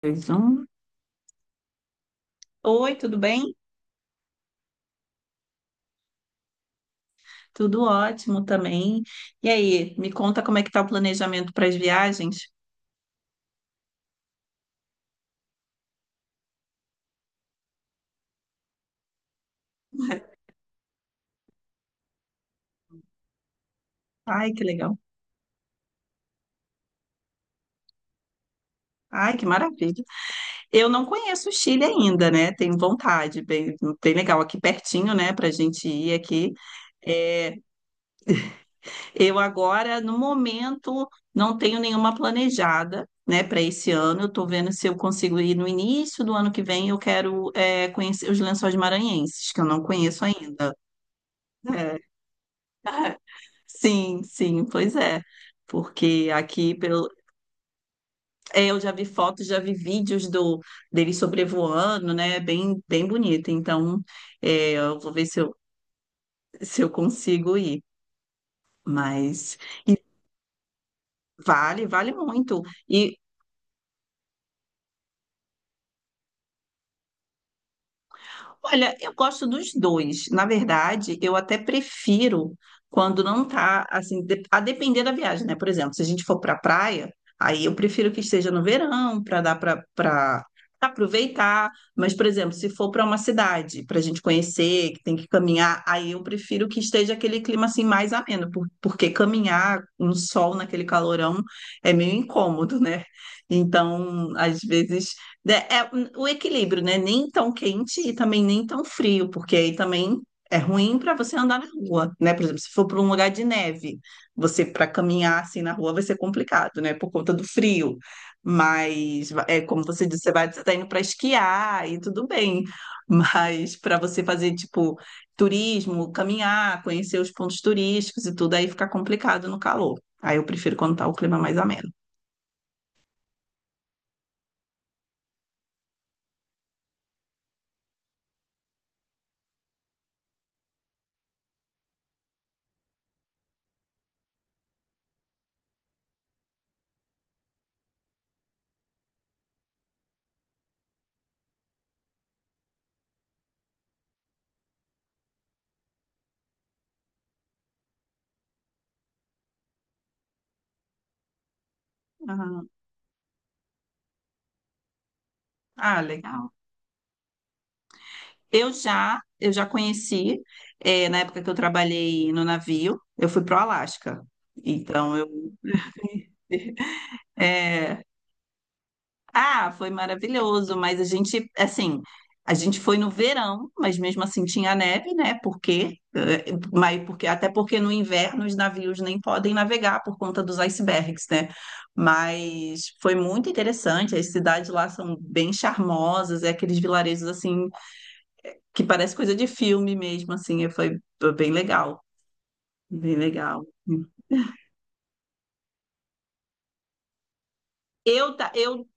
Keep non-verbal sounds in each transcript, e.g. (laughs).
Dois, um. Oi, tudo bem? Tudo ótimo também. E aí, me conta como é que tá o planejamento para as viagens? Ai, que legal. Ai, que maravilha. Eu não conheço o Chile ainda, né? Tenho vontade, bem, bem legal aqui pertinho, né, para a gente ir aqui. É, eu agora, no momento, não tenho nenhuma planejada, né, para esse ano. Eu estou vendo se eu consigo ir no início do ano que vem. Eu quero, conhecer os Lençóis Maranhenses, que eu não conheço ainda. É. (laughs) Sim, sim, pois é. Porque aqui pelo... eu já vi fotos, já vi vídeos do dele sobrevoando, né? Bem, bem bonito. Então, eu vou ver se eu consigo ir. Mas e vale, vale muito. E Olha, eu gosto dos dois. Na verdade, eu até prefiro quando não tá assim, a depender da viagem, né? Por exemplo, se a gente for para praia, aí eu prefiro que esteja no verão para dar para aproveitar. Mas, por exemplo, se for para uma cidade para a gente conhecer, que tem que caminhar, aí eu prefiro que esteja aquele clima assim mais ameno, porque caminhar no sol naquele calorão é meio incômodo, né? Então, às vezes, o equilíbrio, né? Nem tão quente e também nem tão frio, porque aí também é ruim para você andar na rua, né? Por exemplo, se for para um lugar de neve, você para caminhar assim na rua vai ser complicado, né? Por conta do frio. Mas é como você disse, você tá indo para esquiar e tudo bem. (laughs) Mas para você fazer tipo turismo, caminhar, conhecer os pontos turísticos e tudo, aí fica complicado no calor. Aí eu prefiro quando tá o clima mais ameno. Ah, ah, legal. Eu já conheci, na época que eu trabalhei no navio, eu fui pro Alasca. Então eu, (laughs) eh, foi maravilhoso, mas a gente, assim, a gente foi no verão, mas mesmo assim tinha neve, né? Mas porque até porque no inverno os navios nem podem navegar por conta dos icebergs, né? Mas foi muito interessante. As cidades lá são bem charmosas, é aqueles vilarejos assim que parece coisa de filme mesmo, assim, e foi bem legal, bem legal. Eu, ta- eu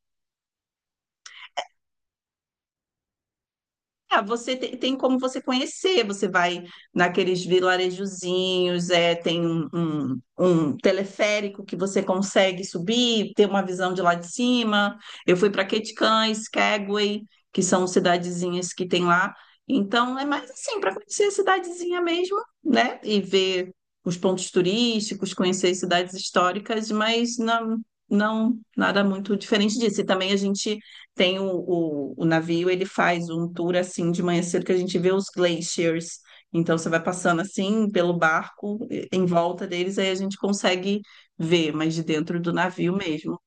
Ah, tem, como você conhecer, você vai naqueles vilarejozinhos, é, tem um teleférico que você consegue subir, ter uma visão de lá de cima. Eu fui para Ketchikan, Skagway, que são cidadezinhas que tem lá. Então, é mais assim, para conhecer a cidadezinha mesmo, né? E ver os pontos turísticos, conhecer as cidades históricas, mas não nada muito diferente disso. E também a gente tem o navio, ele faz um tour assim de manhã cedo que a gente vê os glaciers. Então você vai passando assim pelo barco, em volta deles, aí a gente consegue ver, mas de dentro do navio mesmo.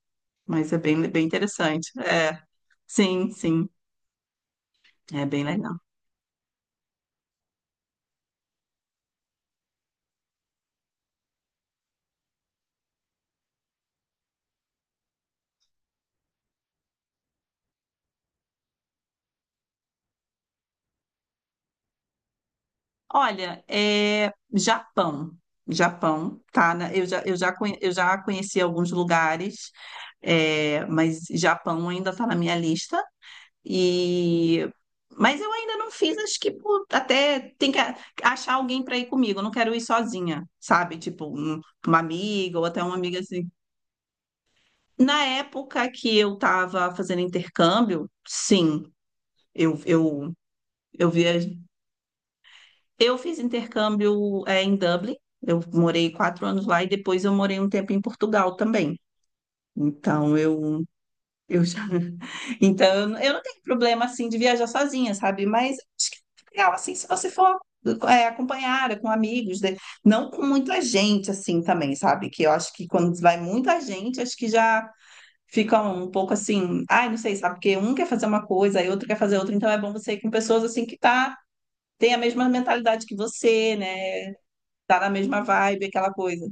Mas é bem, bem interessante. É, sim, sim, é bem legal. Olha, é Japão. Japão, tá? Eu já conheci alguns lugares, mas Japão ainda está na minha lista. E mas eu ainda não fiz, acho que até tem que achar alguém para ir comigo. Eu não quero ir sozinha, sabe? Tipo, uma amiga ou até uma amiga assim. Na época que eu estava fazendo intercâmbio, sim, eu eu eu viajei. Eu fiz intercâmbio, em Dublin. Eu morei 4 anos lá e depois eu morei um tempo em Portugal também. Então eu Eu já. (laughs) Então, eu não tenho problema assim de viajar sozinha, sabe? Mas acho que é legal assim se você for, acompanhada com amigos, né? Não com muita gente assim também, sabe? Que eu acho que quando vai muita gente, acho que já fica um pouco assim, ai, não sei, sabe? Porque um quer fazer uma coisa, e outro quer fazer outra, então é bom você ir com pessoas assim que tá tem a mesma mentalidade que você, né? Tá na mesma vibe, aquela coisa.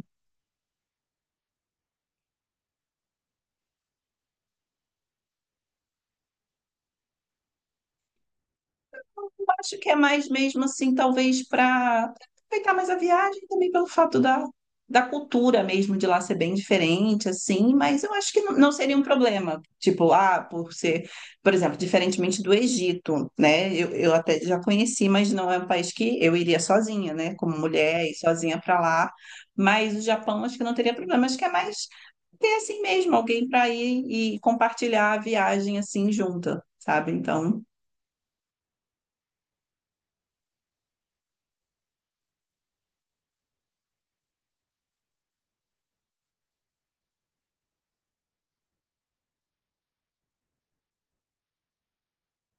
Eu acho que é mais mesmo assim, talvez para aproveitar mais a viagem, também pelo fato da cultura mesmo de lá ser bem diferente, assim, mas eu acho que não, não seria um problema. Tipo, ah, por exemplo, diferentemente do Egito, né? Eu até já conheci, mas não é um país que eu iria sozinha, né? Como mulher, e sozinha para lá. Mas o Japão acho que não teria problema, acho que é mais ter assim mesmo, alguém para ir e compartilhar a viagem assim junta, sabe? Então,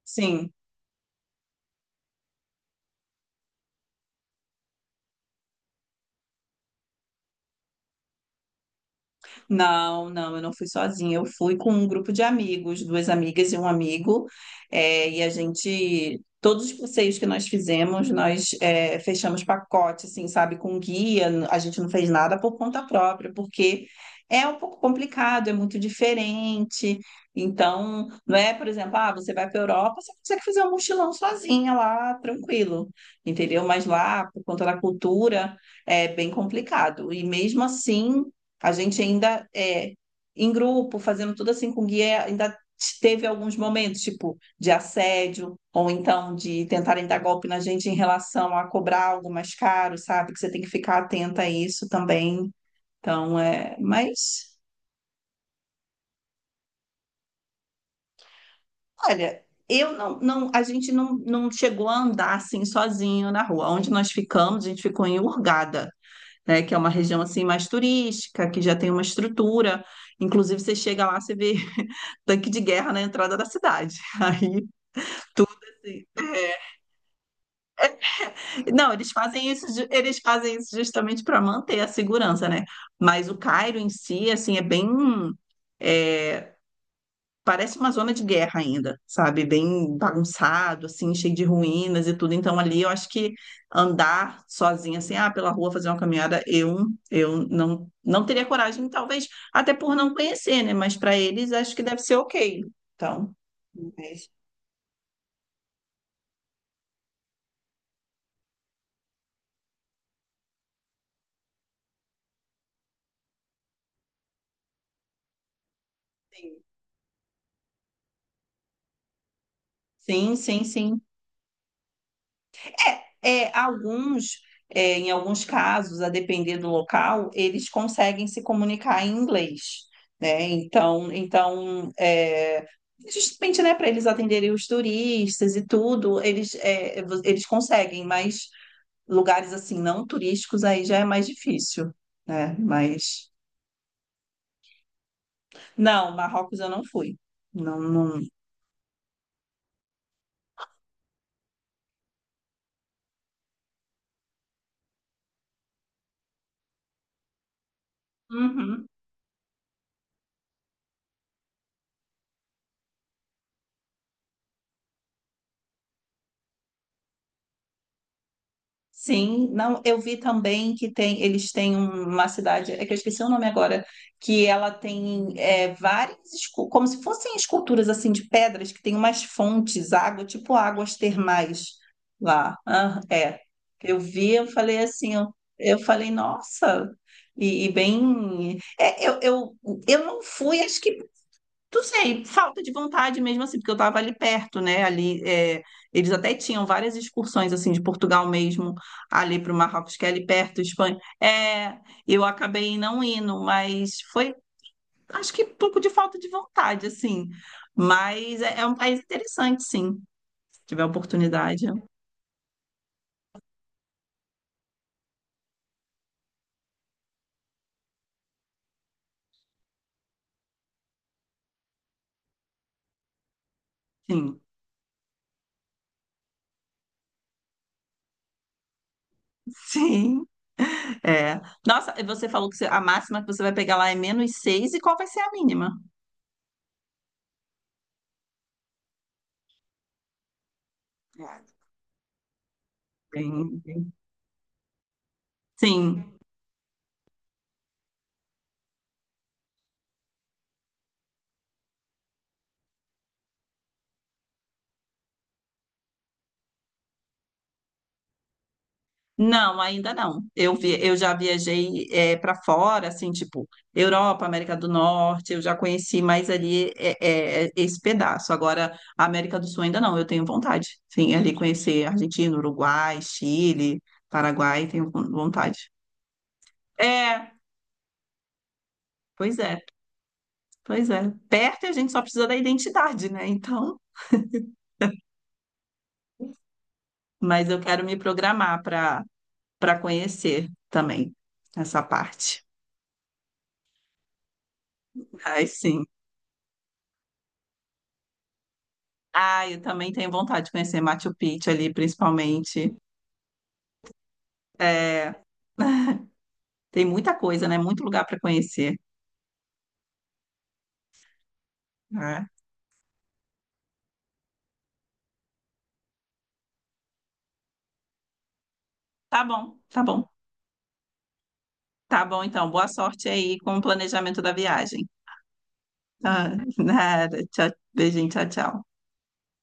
sim. Não, não, eu não fui sozinha. Eu fui com um grupo de amigos, duas amigas e um amigo. É, e a gente, todos os passeios que nós fizemos, nós fechamos pacote, assim, sabe, com guia. A gente não fez nada por conta própria, porque é um pouco complicado, é muito diferente. Então, não é, por exemplo, ah, você vai para a Europa, você consegue fazer um mochilão sozinha lá, tranquilo, entendeu? Mas lá, por conta da cultura, é bem complicado. E mesmo assim a gente ainda em grupo, fazendo tudo assim com guia, ainda teve alguns momentos, tipo, de assédio, ou então de tentarem dar golpe na gente em relação a cobrar algo mais caro, sabe? Que você tem que ficar atenta a isso também. Então, é. Mas, olha, eu não, não, a gente não chegou a andar assim sozinho na rua. Onde nós ficamos, a gente ficou em Hurgada, né, que é uma região assim mais turística, que já tem uma estrutura. Inclusive, você chega lá, você vê (laughs) tanque de guerra na entrada da cidade. (laughs) Aí tudo assim. Não, eles fazem isso, eles fazem isso justamente para manter a segurança, né? Mas o Cairo em si, assim, é, parece uma zona de guerra ainda, sabe? Bem bagunçado, assim, cheio de ruínas e tudo. Então, ali eu acho que andar sozinha, assim, ah, pela rua fazer uma caminhada, eu não, não teria coragem, talvez, até por não conhecer, né? Mas para eles acho que deve ser ok. Então, mas, sim, sim, sim. Sim. É, é, em alguns casos, a depender do local, eles conseguem se comunicar em inglês, né? Então, então, justamente, né, para eles atenderem os turistas e tudo, eles conseguem, mas lugares assim não turísticos aí já é mais difícil, né? Mas não, Marrocos eu não fui. Não, não. Uhum. Sim, não, eu vi também eles têm uma cidade, é que eu esqueci o nome agora, que ela tem, várias, como se fossem esculturas assim de pedras, que tem umas fontes, água, tipo águas termais lá. Ah, é, eu falei assim, eu falei, nossa, e bem, eu não fui, acho que não sei, falta de vontade mesmo assim, porque eu estava ali perto, né? Ali, é, eles até tinham várias excursões assim de Portugal mesmo ali para o Marrocos, que é ali perto, Espanha. É, eu acabei não indo, mas foi, acho que um pouco de falta de vontade assim. Mas é, é um país interessante, sim. Se tiver oportunidade, sim, (laughs) sim. É. Nossa, você falou a máxima que você vai pegar lá é -6 e qual vai ser a mínima? É, bem- bem- Sim. Não, ainda não. Eu vi, eu já viajei para fora, assim, tipo Europa, América do Norte. Eu já conheci mais ali, esse pedaço. Agora, a América do Sul ainda não. Eu tenho vontade, sim, ali conhecer Argentina, Uruguai, Chile, Paraguai. Tenho vontade. É, pois é, pois é. Perto a gente só precisa da identidade, né? Então, mas eu quero me programar para conhecer também essa parte. Ai, sim. Ah, eu também tenho vontade de conhecer Machu Picchu ali, principalmente. É, (laughs) tem muita coisa, né? Muito lugar para conhecer, né? Tá bom, tá bom. Tá bom, então. Boa sorte aí com o planejamento da viagem. Ah, (laughs) nada. Tchau, beijinho, tchau, tchau.